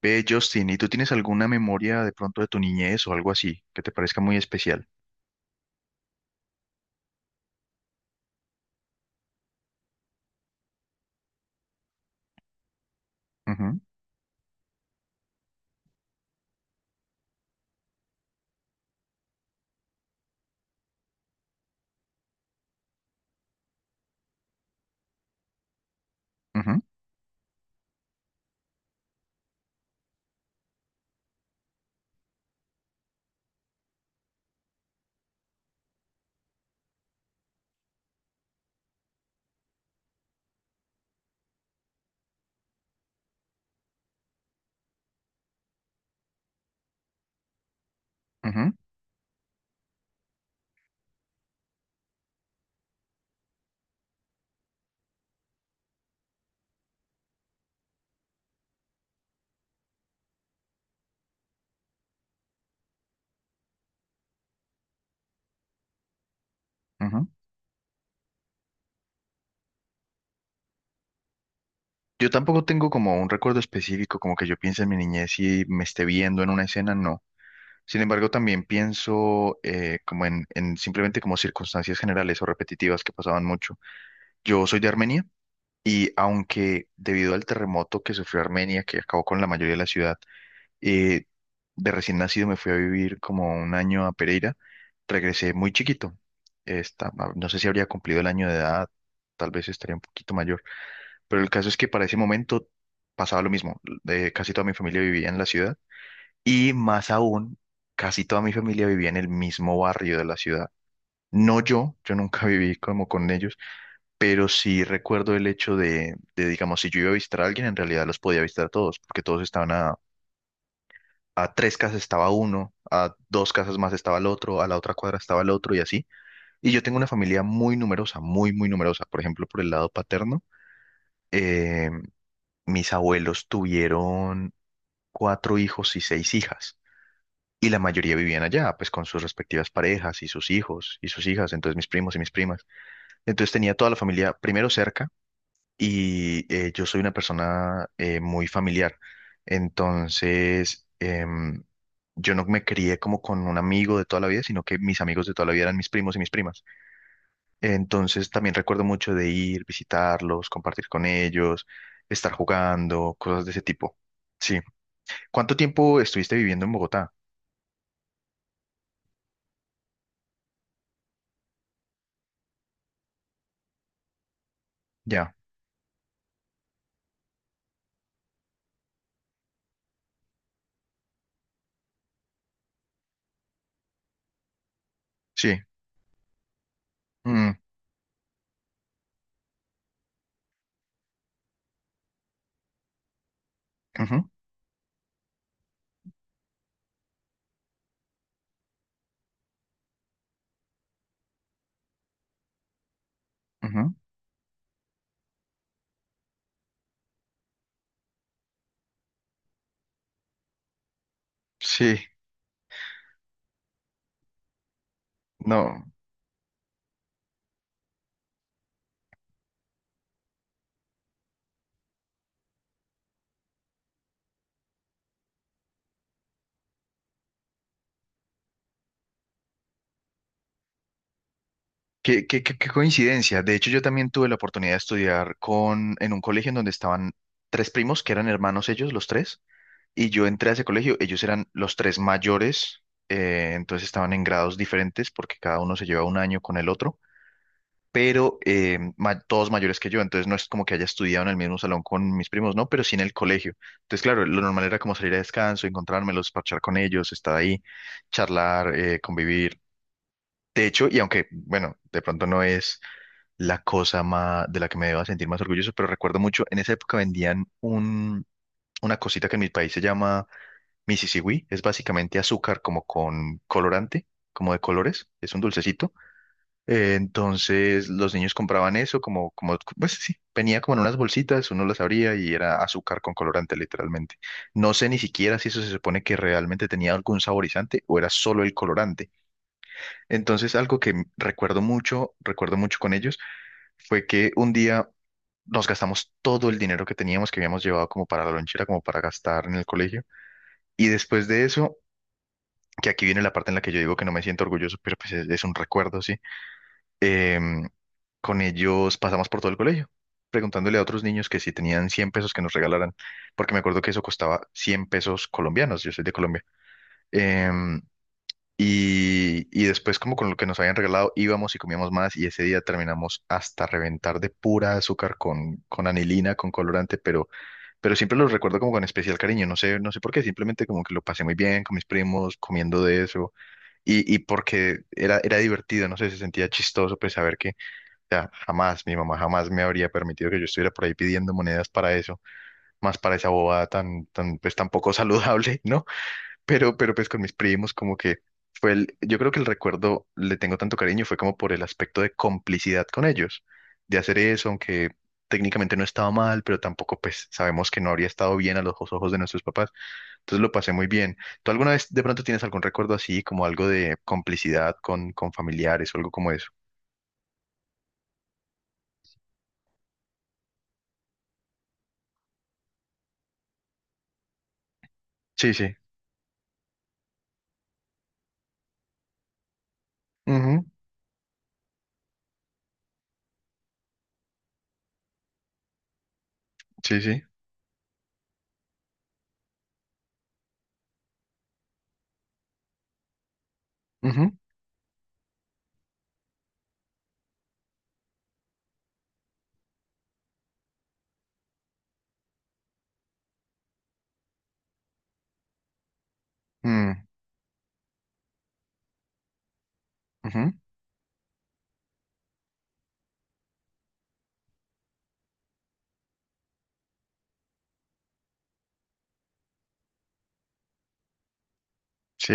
Ve, Justin, ¿y tú tienes alguna memoria de pronto de tu niñez o algo así que te parezca muy especial? Ujú, ujú, ujú, ujú. Yo tampoco tengo como un recuerdo específico, como que yo piense en mi niñez y me esté viendo en una escena, no. Sin embargo, también pienso como en simplemente como circunstancias generales o repetitivas que pasaban mucho. Yo soy de Armenia y aunque debido al terremoto que sufrió Armenia, que acabó con la mayoría de la ciudad, Eh, de recién nacido me fui a vivir como un año a Pereira. Regresé muy chiquito. No sé si habría cumplido el año de edad, tal vez estaría un poquito mayor. Pero el caso es que para ese momento pasaba lo mismo. Casi toda mi familia vivía en la ciudad y más aún, casi toda mi familia vivía en el mismo barrio de la ciudad. No, yo nunca viví como con ellos, pero sí recuerdo el hecho de, digamos, si yo iba a visitar a alguien, en realidad los podía visitar a todos, porque todos estaban a tres casas estaba uno, a dos casas más estaba el otro, a la otra cuadra estaba el otro y así. Y yo tengo una familia muy numerosa, muy, muy numerosa. Por ejemplo, por el lado paterno, eh, mis abuelos tuvieron cuatro hijos y seis hijas. Y la mayoría vivían allá, pues con sus respectivas parejas y sus hijos y sus hijas, entonces mis primos y mis primas. Entonces tenía toda la familia primero cerca y yo soy una persona muy familiar. Entonces, yo no me crié como con un amigo de toda la vida, sino que mis amigos de toda la vida eran mis primos y mis primas. Entonces, también recuerdo mucho de ir, visitarlos, compartir con ellos, estar jugando, cosas de ese tipo. Sí. ¿Cuánto tiempo estuviste viviendo en Bogotá? Ya, sí. Mm, ujú, ujú. Sí, no. Qué coincidencia. De hecho, yo también tuve la oportunidad de estudiar con, en un colegio en donde estaban tres primos, que eran hermanos ellos, los tres, y yo entré a ese colegio, ellos eran los tres mayores, entonces estaban en grados diferentes porque cada uno se lleva un año con el otro, pero todos mayores que yo, entonces no es como que haya estudiado en el mismo salón con mis primos, no, pero sí en el colegio. Entonces, claro, lo normal era como salir a descanso, encontrármelos, parchar con ellos, estar ahí, charlar, convivir. De hecho, y aunque, bueno, de pronto no es la cosa más, de la que me deba sentir más orgulloso, pero recuerdo mucho, en esa época vendían una cosita que en mi país se llama Misisigüí, es básicamente azúcar como con colorante, como de colores, es un dulcecito. Entonces los niños compraban eso como, pues sí, venía como en unas bolsitas, uno las abría y era azúcar con colorante literalmente. No sé ni siquiera si eso se supone que realmente tenía algún saborizante o era solo el colorante. Entonces algo que recuerdo mucho con ellos, fue que un día nos gastamos todo el dinero que teníamos, que habíamos llevado como para la lonchera, como para gastar en el colegio. Y después de eso, que aquí viene la parte en la que yo digo que no me siento orgulloso, pero pues es un recuerdo, sí. Em, con ellos pasamos por todo el colegio, preguntándole a otros niños que si tenían 100 pesos que nos regalaran, porque me acuerdo que eso costaba 100 pesos colombianos, yo soy de Colombia. Em, y, después como con lo que nos habían regalado íbamos y comíamos más y ese día terminamos hasta reventar de pura azúcar con anilina, con colorante, pero siempre los recuerdo como con especial cariño, no sé, no sé por qué, simplemente como que lo pasé muy bien con mis primos, comiendo de eso, y, porque era divertido, no sé, se sentía chistoso, pues saber que, o sea, jamás, mi mamá jamás me habría permitido que yo estuviera por ahí pidiendo monedas para eso, más para esa bobada tan, tan, pues tan poco saludable, ¿no? Pero, pues con mis primos como que fue el, yo creo que el recuerdo le tengo tanto cariño fue como por el aspecto de complicidad con ellos, de hacer eso, aunque técnicamente no estaba mal, pero tampoco pues sabemos que no habría estado bien a los ojos de nuestros papás. Entonces lo pasé muy bien. ¿Tú alguna vez de pronto tienes algún recuerdo así, como algo de complicidad con familiares o algo como eso? Sí, sí. Ujú, sí, sí. Ujú, mm, ujú, sí.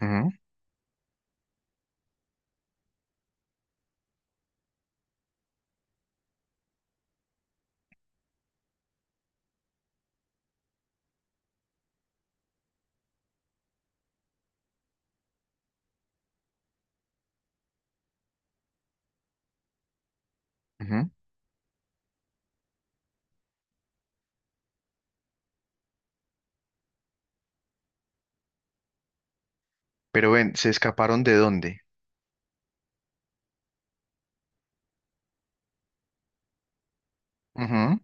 Ujú, ujú. Pero ven, ¿se escaparon de dónde? Ujú.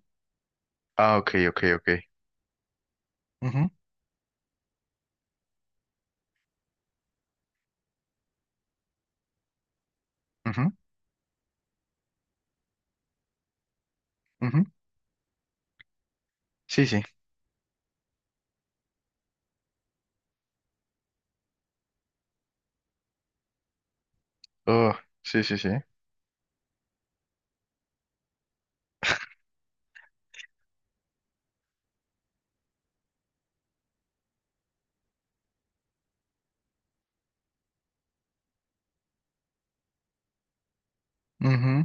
Ah, ok, ok, ok. Ujú. Ujú, ujú. Sí, sí. Oh, sí, sí, sí. Ujú,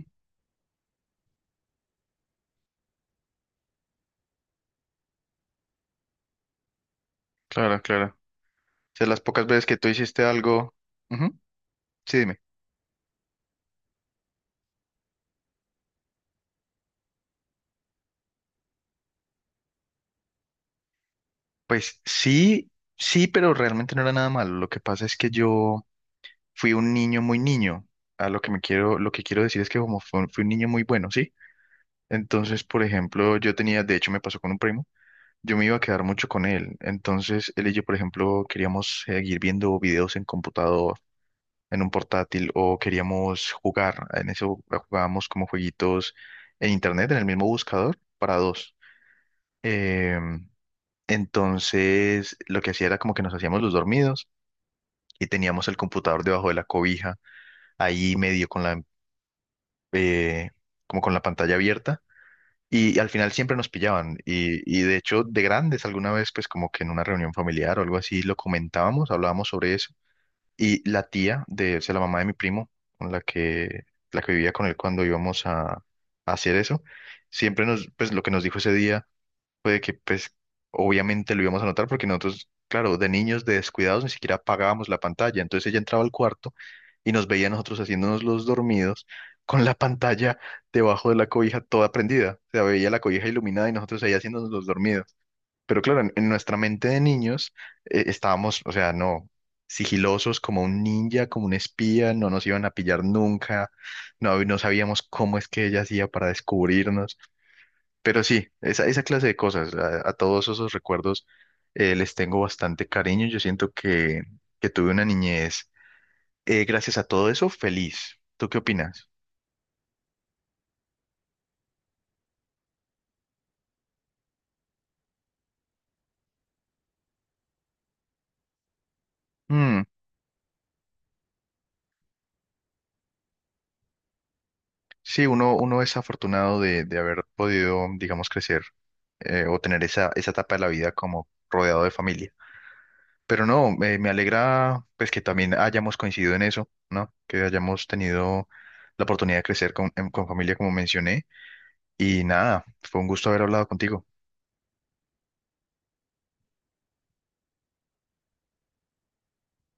claro, claro. O sea, las pocas veces que tú hiciste algo. Ujú, sí, dime. Pues sí, sí, pero realmente no era nada malo. Lo que pasa es que yo fui un niño muy niño. A lo que me quiero, lo que quiero decir es que como fui, un niño muy bueno, ¿sí? Entonces, por ejemplo, yo tenía, de hecho me pasó con un primo, yo me iba a quedar mucho con él. Entonces, él y yo, por ejemplo, queríamos seguir viendo videos en computador en un portátil o queríamos jugar. En eso jugábamos como jueguitos en internet, en el mismo buscador, para dos. Em, entonces, lo que hacía era como que nos hacíamos los dormidos y teníamos el computador debajo de la cobija, ahí medio con la, eh, como con la pantalla abierta. Y al final siempre nos pillaban. Y, de hecho, de grandes, alguna vez, pues como que en una reunión familiar o algo así, lo comentábamos, hablábamos sobre eso. Y la tía de, o sea, la mamá de mi primo, con la que, la que vivía con él cuando íbamos a hacer eso, siempre nos, pues lo que nos dijo ese día fue de que, pues, obviamente lo íbamos a notar porque nosotros, claro, de niños, de descuidados, ni siquiera apagábamos la pantalla. Entonces ella entraba al cuarto y nos veía a nosotros haciéndonos los dormidos con la pantalla debajo de la cobija toda prendida. O sea, veía la cobija iluminada y nosotros ahí haciéndonos los dormidos. Pero claro, en nuestra mente de niños estábamos, o sea, no, sigilosos como un ninja, como un espía, no nos iban a pillar nunca, no, no sabíamos cómo es que ella hacía para descubrirnos. Pero sí, esa clase de cosas, a, todos esos recuerdos les tengo bastante cariño. Yo siento que tuve una niñez, gracias a todo eso, feliz. ¿Tú qué opinas? Sí, uno, es afortunado de haber podido, digamos, crecer o tener esa, etapa de la vida como rodeado de familia. Pero no, me alegra pues que también hayamos coincidido en eso, ¿no? Que hayamos tenido la oportunidad de crecer con familia, como mencioné. Y nada, fue un gusto haber hablado contigo.